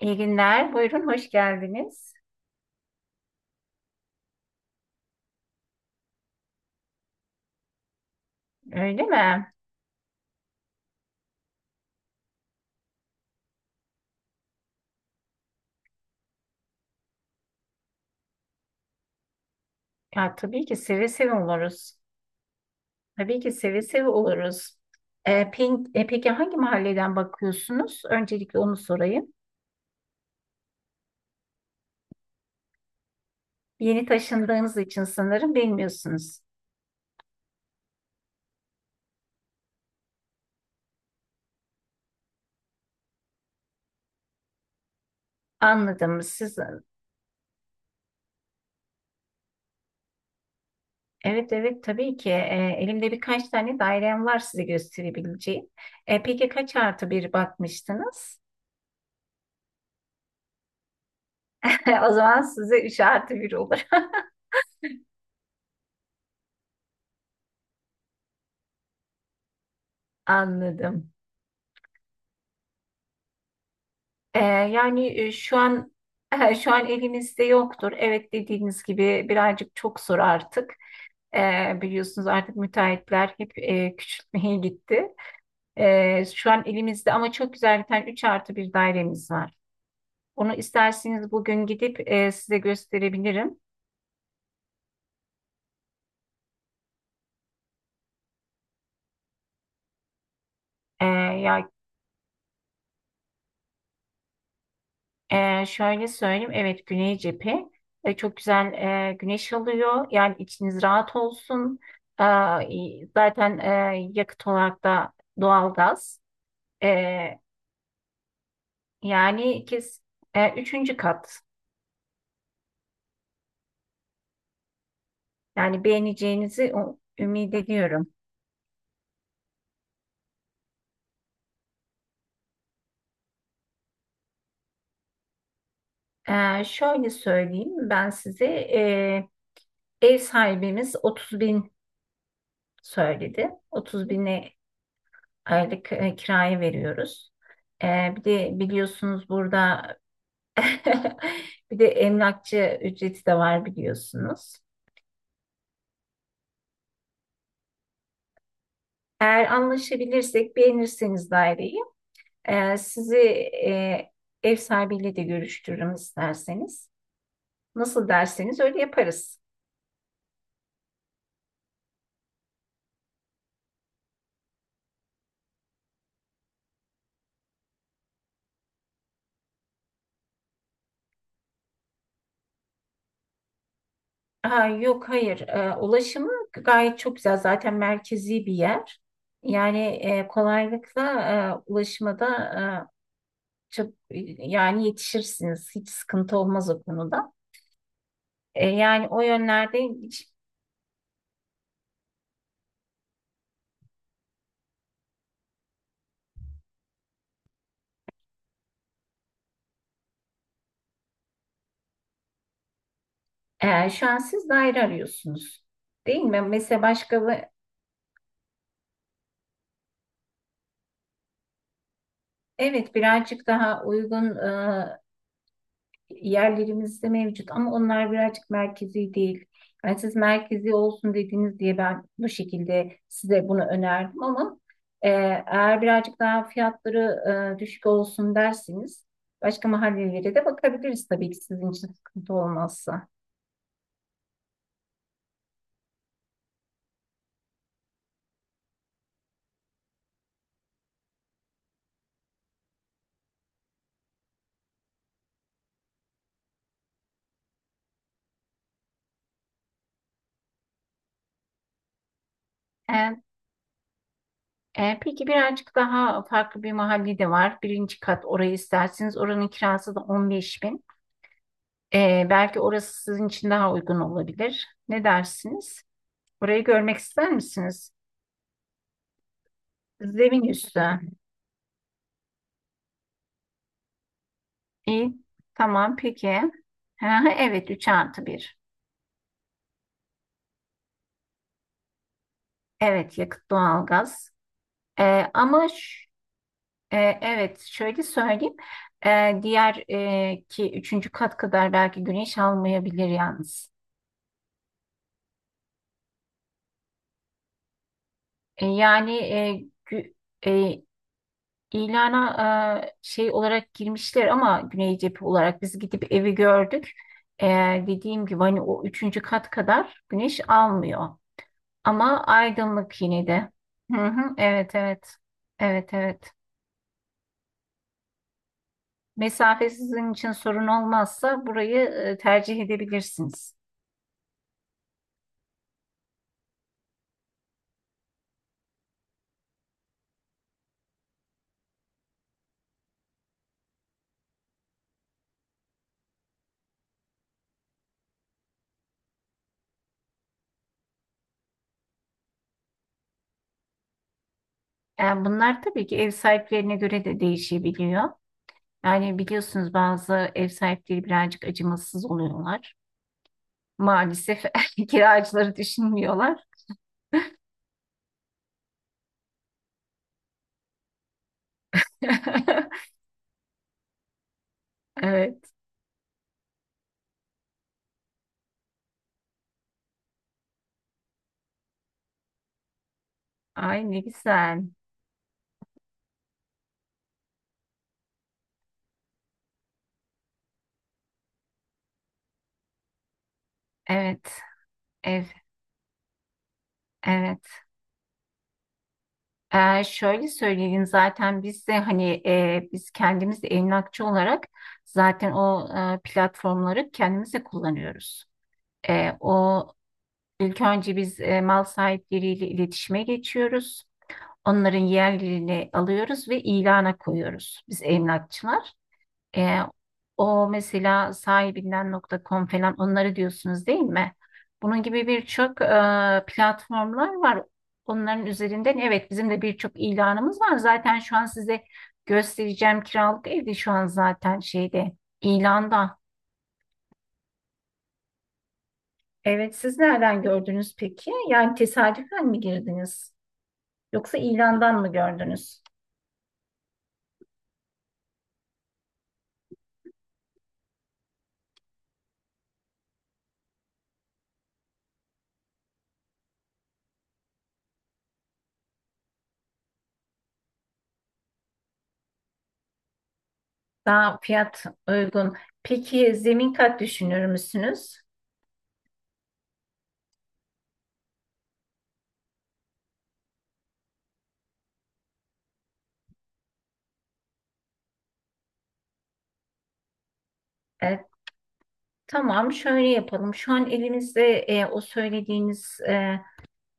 İyi günler. Buyurun, hoş geldiniz. Öyle mi? Ya, tabii ki seve seve oluruz. Tabii ki seve seve oluruz. Peki hangi mahalleden bakıyorsunuz? Öncelikle onu sorayım. Yeni taşındığınız için sanırım bilmiyorsunuz. Anladım. Siz, evet evet tabii ki. Elimde birkaç tane dairem var, size gösterebileceğim. Peki kaç artı bir bakmıştınız? O zaman size üç artı bir olur. Anladım. Ee, Yani şu an şu an elimizde yoktur. Evet, dediğiniz gibi birazcık çok zor artık. Biliyorsunuz artık müteahhitler hep küçültmeye gitti. Şu an elimizde ama çok güzel bir tane 3 artı bir dairemiz var. Onu isterseniz bugün gidip size gösterebilirim. Ya, şöyle söyleyeyim, evet, güney cephe. Çok güzel güneş alıyor. Yani içiniz rahat olsun. Ee, Zaten yakıt olarak da doğalgaz. Ee, Yani üçüncü kat. Yani beğeneceğinizi ümit ediyorum. Şöyle söyleyeyim, ben size e, ev sahibimiz 30 bin söyledi. 30 bine aylık kiraya veriyoruz. Bir de biliyorsunuz burada bir de emlakçı ücreti de var, biliyorsunuz. Eğer anlaşabilirsek, beğenirseniz daireyi, sizi ev sahibiyle de görüştürürüm isterseniz. Nasıl derseniz öyle yaparız. Ha, yok, hayır. Ulaşımı gayet çok güzel. Zaten merkezi bir yer. Yani kolaylıkla ulaşıma da e, çok, yani yetişirsiniz. Hiç sıkıntı olmaz o konuda. Yani o yönlerde. Şu an siz daire arıyorsunuz, değil mi? Mesela evet, birazcık daha uygun yerlerimizde mevcut ama onlar birazcık merkezi değil. Yani siz merkezi olsun dediğiniz diye ben bu şekilde size bunu önerdim ama e, eğer birazcık daha fiyatları düşük olsun derseniz başka mahallelere de bakabiliriz tabii ki, sizin için sıkıntı olmazsa. Peki birazcık daha farklı bir mahalle de var. Birinci kat, orayı isterseniz oranın kirası da 15 bin. Belki orası sizin için daha uygun olabilir. Ne dersiniz? Orayı görmek ister misiniz? Zemin üstü. İyi. Tamam peki. Ha, evet, 3 artı 1. Evet, yakıt doğalgaz. Ama evet, şöyle söyleyeyim. Diğer ki üçüncü kat kadar belki güneş almayabilir yalnız. Yani e, İlana şey olarak girmişler ama güney cephe olarak biz gidip evi gördük. E, Dediğim gibi hani o üçüncü kat kadar güneş almıyor. Ama aydınlık yine de. Hı hı, evet evet. Evet evet. Mesafe sizin için sorun olmazsa burayı tercih edebilirsiniz. Yani bunlar tabii ki ev sahiplerine göre de değişebiliyor. Yani biliyorsunuz bazı ev sahipleri birazcık acımasız oluyorlar. Maalesef kiracıları düşünmüyorlar. Evet. Ay ne güzel. Evet. Ev. Evet. Şöyle söyleyeyim, zaten biz de hani biz kendimiz de emlakçı olarak zaten o platformları kendimiz de kullanıyoruz. O, ilk önce biz mal sahipleriyle iletişime geçiyoruz. Onların yerlerini alıyoruz ve ilana koyuyoruz biz emlakçılar. Ee, O mesela sahibinden.com falan, onları diyorsunuz, değil mi? Bunun gibi birçok platformlar var. Onların üzerinden, evet, bizim de birçok ilanımız var. Zaten şu an size göstereceğim kiralık evde şu an zaten şeyde, ilanda. Evet, siz nereden gördünüz peki? Yani tesadüfen mi girdiniz? Yoksa ilandan mı gördünüz? Daha fiyat uygun. Peki zemin kat düşünür müsünüz? E, tamam, şöyle yapalım. Şu an elimizde o söylediğiniz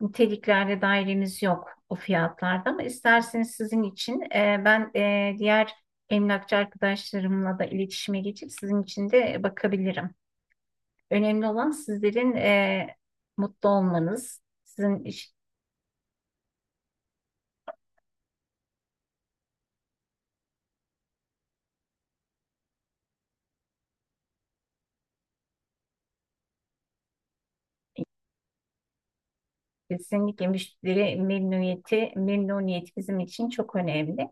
niteliklerde dairemiz yok o fiyatlarda ama isterseniz sizin için ben diğer emlakçı arkadaşlarımla da iletişime geçip sizin için de bakabilirim. Önemli olan sizlerin mutlu olmanız, kesinlikle müşteri memnuniyeti, memnuniyet bizim için çok önemli.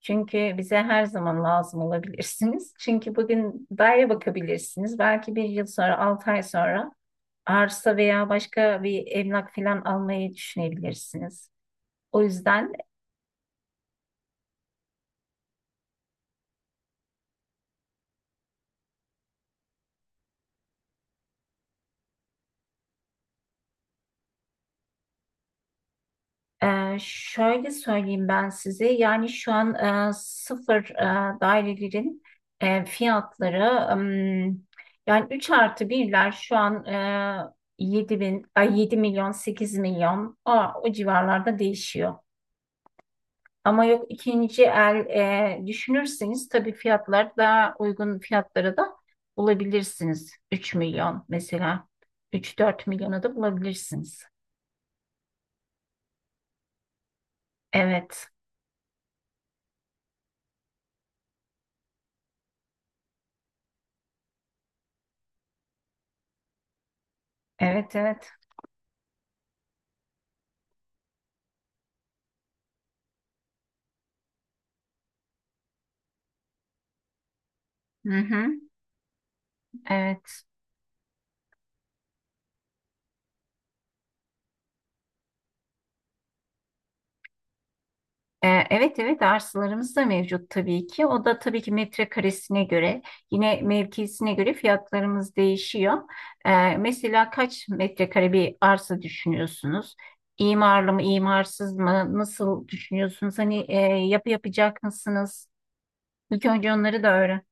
Çünkü bize her zaman lazım olabilirsiniz. Çünkü bugün daire bakabilirsiniz. Belki bir yıl sonra, 6 ay sonra arsa veya başka bir emlak falan almayı düşünebilirsiniz. O yüzden şöyle söyleyeyim ben size, yani şu an sıfır dairelerin fiyatları, ım, yani 3 artı birler şu an 7 bin, ay 7 milyon, 8 milyon, o civarlarda değişiyor. Ama yok, ikinci el düşünürseniz tabii fiyatlar daha uygun fiyatlara da bulabilirsiniz. 3 milyon mesela. 3-4 milyona da bulabilirsiniz. Evet. Evet evet. Hı hı. Evet. Evet evet, arsalarımız da mevcut tabii ki. O da tabii ki metrekaresine göre, yine mevkisine göre fiyatlarımız değişiyor. Mesela kaç metrekare bir arsa düşünüyorsunuz? İmarlı mı, imarsız mı? Nasıl düşünüyorsunuz? Hani yapı yapacak mısınız? İlk önce onları da öğren.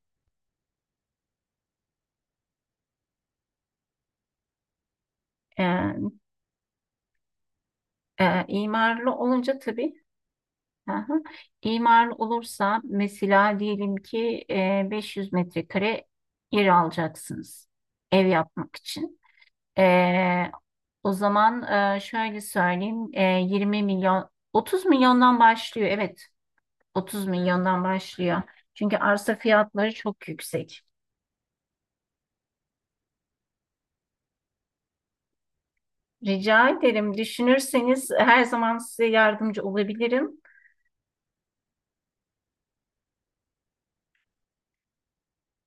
Ee, imarlı olunca tabii. Aha. İmarlı olursa mesela diyelim ki 500 metrekare yer alacaksınız ev yapmak için. Ee, O zaman şöyle söyleyeyim. 20 milyon, 30 milyondan başlıyor. Evet, 30 milyondan başlıyor. Çünkü arsa fiyatları çok yüksek. Rica ederim. Düşünürseniz her zaman size yardımcı olabilirim.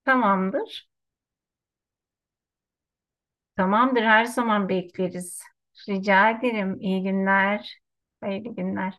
Tamamdır. Tamamdır. Her zaman bekleriz. Rica ederim. İyi günler. Hayırlı günler.